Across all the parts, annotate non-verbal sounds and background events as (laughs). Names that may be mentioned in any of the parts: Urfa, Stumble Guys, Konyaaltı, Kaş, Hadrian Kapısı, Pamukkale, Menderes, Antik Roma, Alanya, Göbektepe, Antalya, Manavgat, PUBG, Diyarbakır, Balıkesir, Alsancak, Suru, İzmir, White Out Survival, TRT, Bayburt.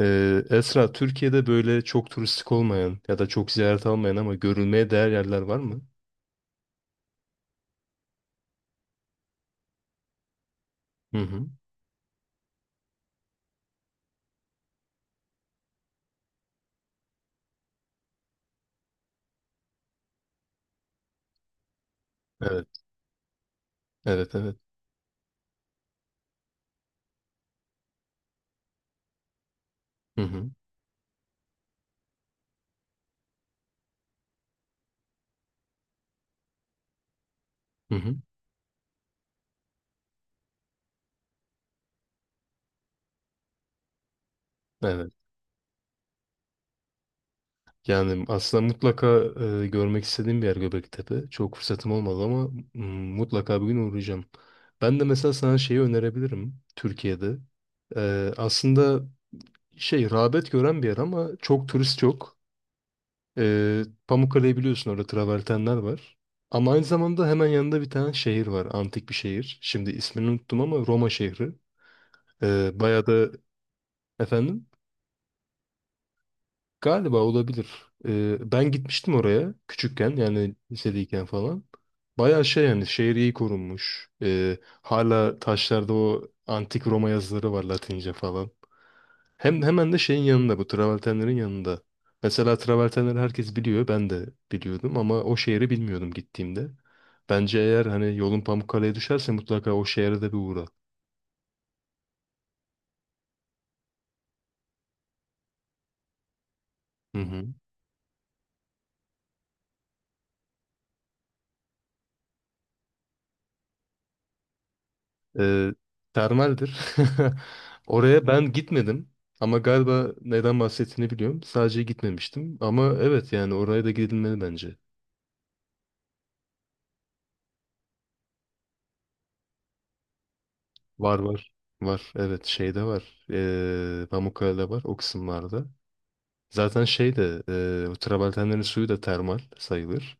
Esra, Türkiye'de böyle çok turistik olmayan ya da çok ziyaret almayan ama görülmeye değer yerler var mı? Hı hı. Evet, evet, evet. Hı hı. Hı hı. Evet. Yani aslında mutlaka görmek istediğim bir yer Göbektepe. Çok fırsatım olmadı ama mm, mutlaka bir gün uğrayacağım. Ben de mesela sana şeyi önerebilirim Türkiye'de. Aslında şey rağbet gören bir yer ama çok turist yok. Ee, Pamukkale'yi biliyorsun, orada travertenler var. Ama aynı zamanda hemen yanında bir tane şehir var. Antik bir şehir. Şimdi ismini unuttum ama Roma şehri. Bayağı da efendim galiba olabilir. Ben gitmiştim oraya küçükken yani lisedeyken falan. Bayağı şey yani şehir iyi korunmuş. Hala taşlarda o antik Roma yazıları var, Latince falan. Hemen de şeyin yanında, bu travertenlerin yanında. Mesela travertenleri herkes biliyor. Ben de biliyordum ama o şehri bilmiyordum gittiğimde. Bence eğer hani yolun Pamukkale'ye düşerse mutlaka o şehre de bir uğra. Hı hı. Ee, Termaldir. (laughs) Oraya ben gitmedim. Ama galiba neden bahsettiğini biliyorum. Sadece gitmemiştim. Ama evet yani oraya da gidilmeli bence. Var var. Var. Evet, şeyde var. Pamukkale'de var. O kısımlarda. Zaten şey de travertenlerin suyu da termal sayılır.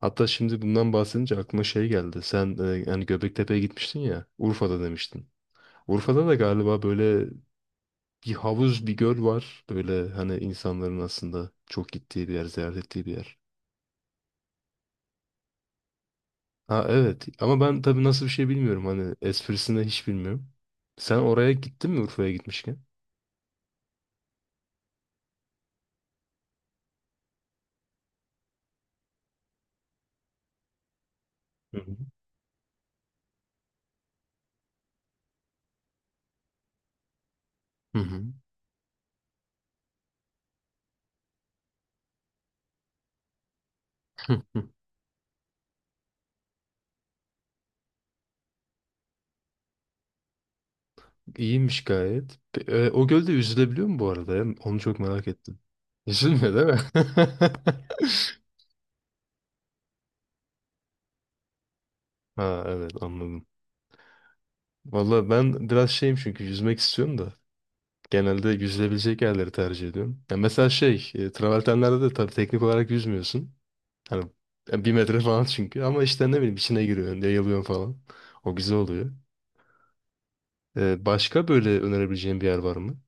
Hatta şimdi bundan bahsedince aklıma şey geldi. Sen hani Göbektepe'ye gitmiştin ya. Urfa'da demiştin. Urfa'da da galiba böyle bir havuz, bir göl var. Böyle hani insanların aslında çok gittiği bir yer, ziyaret ettiği bir yer. Ha evet, ama ben tabii nasıl bir şey bilmiyorum. Hani esprisini hiç bilmiyorum. Sen oraya gittin mi Urfa'ya gitmişken? Hı hı. Hı hı. (laughs) İyiymiş gayet. O gölde yüzülebiliyor mu bu arada, ya? Onu çok merak ettim. (laughs) Yüzülmüyor değil mi? (laughs) Ha evet, anladım. Valla ben biraz şeyim çünkü yüzmek istiyorum da. Genelde yüzülebilecek yerleri tercih ediyorum. Ya mesela şey, travertenlerde de tabii teknik olarak yüzmüyorsun. Hani bir metre falan çünkü. Ama işte ne bileyim, içine giriyorsun, yayılıyorsun falan. O güzel oluyor. E, başka böyle önerebileceğin bir yer var mı?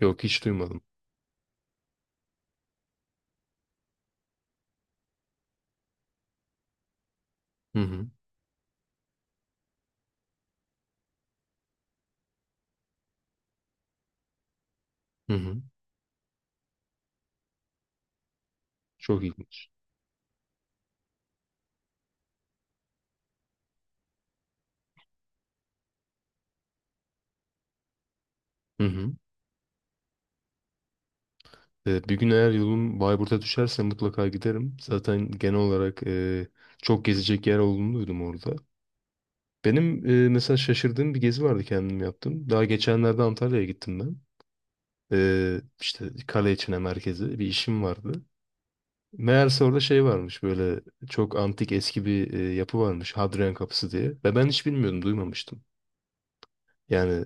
Yok, hiç duymadım. Hı hı. Hı hı. Çok ilginç. Hı hı. Bir gün eğer yolum Bayburt'a düşerse mutlaka giderim. Zaten genel olarak çok gezecek yer olduğunu duydum orada. Benim mesela şaşırdığım bir gezi vardı, kendim yaptım. Daha geçenlerde Antalya'ya gittim ben. İşte kale merkezi bir işim vardı. Meğerse orada şey varmış, böyle çok antik eski bir yapı varmış, Hadrian Kapısı diye. Ve ben hiç bilmiyordum, duymamıştım. Yani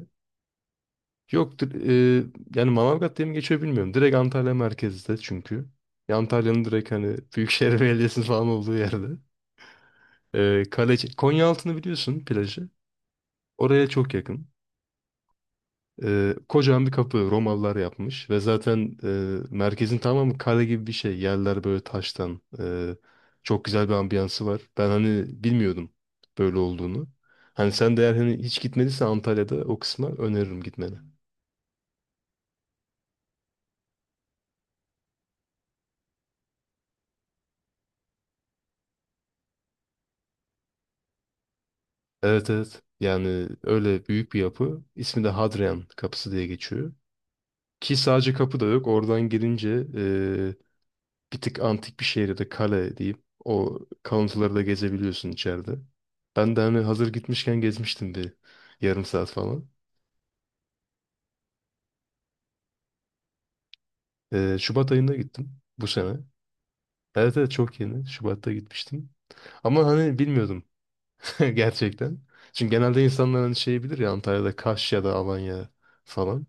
Yok dir- e, yani Manavgat diye mi geçiyor bilmiyorum. Direkt Antalya merkezde çünkü. Ya Antalya'nın direkt hani Büyükşehir (laughs) Belediyesi'nin falan olduğu yerde. E, Kaleci, Konyaaltı'nı biliyorsun, plajı. Oraya çok yakın. E, kocaman bir kapı, Romalılar yapmış ve zaten merkezin tamamı kale gibi bir şey. Yerler böyle taştan. Çok güzel bir ambiyansı var. Ben hani bilmiyordum böyle olduğunu. Hani sen de eğer hani hiç gitmediysen Antalya'da o kısma öneririm gitmeni. Evet evet. Yani öyle büyük bir yapı. İsmi de Hadrian Kapısı diye geçiyor. Ki sadece kapı da yok. Oradan girince bir tık antik bir şehirde de kale diyeyim. O kalıntıları da gezebiliyorsun içeride. Ben de hani hazır gitmişken gezmiştim bir yarım saat falan. Şubat ayında gittim bu sene. Evet evet, çok yeni. Şubat'ta gitmiştim. Ama hani bilmiyordum (laughs) gerçekten. Çünkü genelde insanlar hani şey bilir ya, Antalya'da Kaş ya da Alanya falan.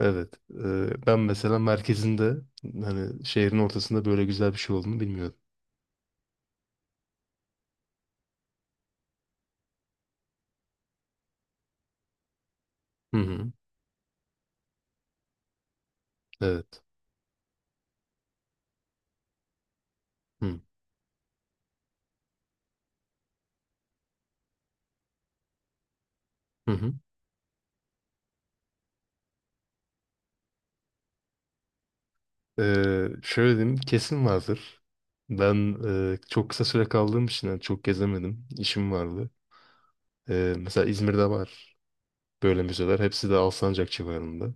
Evet. Ben mesela merkezinde hani şehrin ortasında böyle güzel bir şey olduğunu bilmiyordum. Hı hı. Evet. Hı hı. Hı. Şöyle diyeyim, kesin vardır. Ben çok kısa süre kaldığım için yani çok gezemedim. İşim vardı. Mesela İzmir'de var böyle müzeler. Hepsi de Alsancak civarında.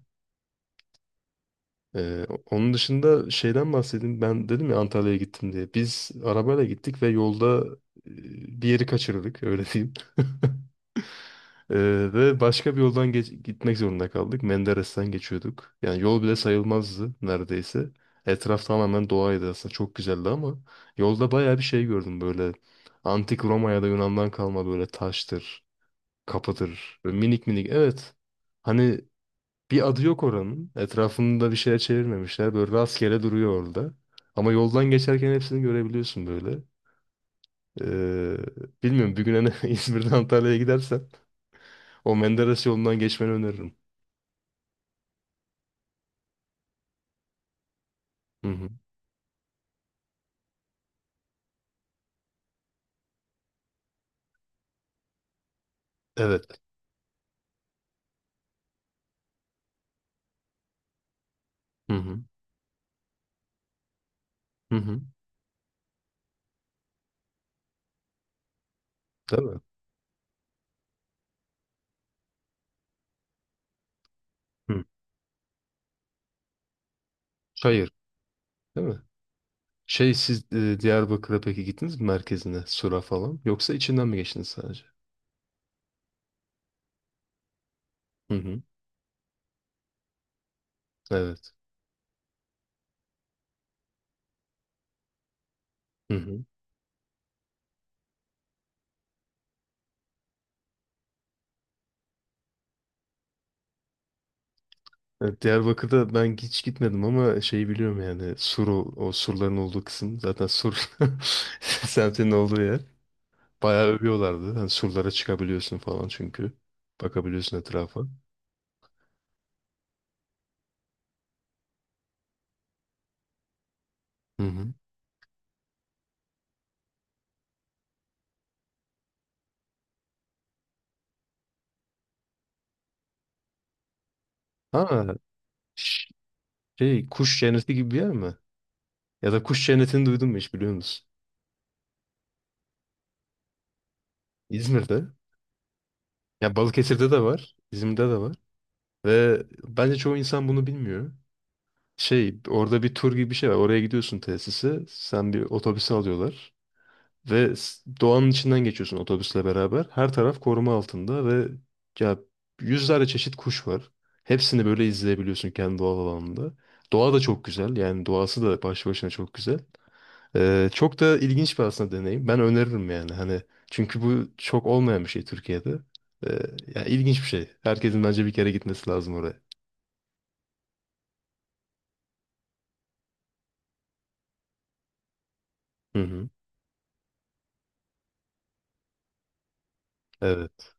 Onun dışında şeyden bahsedeyim. Ben dedim ya Antalya'ya gittim diye. Biz arabayla gittik ve yolda e, bir yeri kaçırdık öyle diyeyim. Ee, Ve başka bir yoldan gitmek zorunda kaldık. Menderes'ten geçiyorduk. Yani yol bile sayılmazdı neredeyse. Etraf tamamen doğaydı aslında. Çok güzeldi ama yolda bayağı bir şey gördüm böyle. Antik Roma ya da Yunan'dan kalma böyle taştır, kapıdır. Böyle minik minik, evet. Hani bir adı yok oranın. Etrafında bir şeye çevirmemişler. Böyle rastgele duruyor orada. Ama yoldan geçerken hepsini görebiliyorsun böyle. Ee, Bilmiyorum, bir gün hani (laughs) İzmir'den Antalya'ya gidersen o Menderes yolundan geçmeni öneririm. Hı hı. Evet. Hı hı. Hı hı. Değil mi? Hı. Çayır. Değil mi? Şey, siz Diyarbakır'a peki gittiniz mi, merkezine? Sura falan. Yoksa içinden mi geçtiniz sadece? Hı hı. Evet. Hı hı. Evet, Diyarbakır'da ben hiç gitmedim ama şeyi biliyorum, yani Suru, o surların olduğu kısım zaten sur (laughs) semtinin olduğu yer. Bayağı övüyorlardı. Hani surlara çıkabiliyorsun falan çünkü. Bakabiliyorsun etrafa. Hı hı. Ha ş- Şey, kuş cenneti gibi bir yer mi? Ya da kuş cennetini duydun mu hiç, biliyor musun? İzmir'de. Ya Balıkesir'de de var, İzmir'de de var. Ve bence çoğu insan bunu bilmiyor. Şey, orada bir tur gibi bir şey var. Oraya gidiyorsun, tesise. Sen bir otobüse alıyorlar. Ve doğanın içinden geçiyorsun otobüsle beraber. Her taraf koruma altında ve ya, yüzlerce çeşit kuş var. Hepsini böyle izleyebiliyorsun kendi doğal alanında. Doğa da çok güzel. Yani doğası da başlı başına çok güzel. Çok da ilginç bir aslında deneyim. Ben öneririm yani. Hani çünkü bu çok olmayan bir şey Türkiye'de. Ee, Yani ilginç bir şey. Herkesin bence bir kere gitmesi lazım oraya. Hı hı. Evet.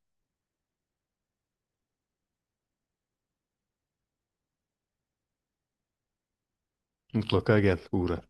Mutlaka gel, uğra.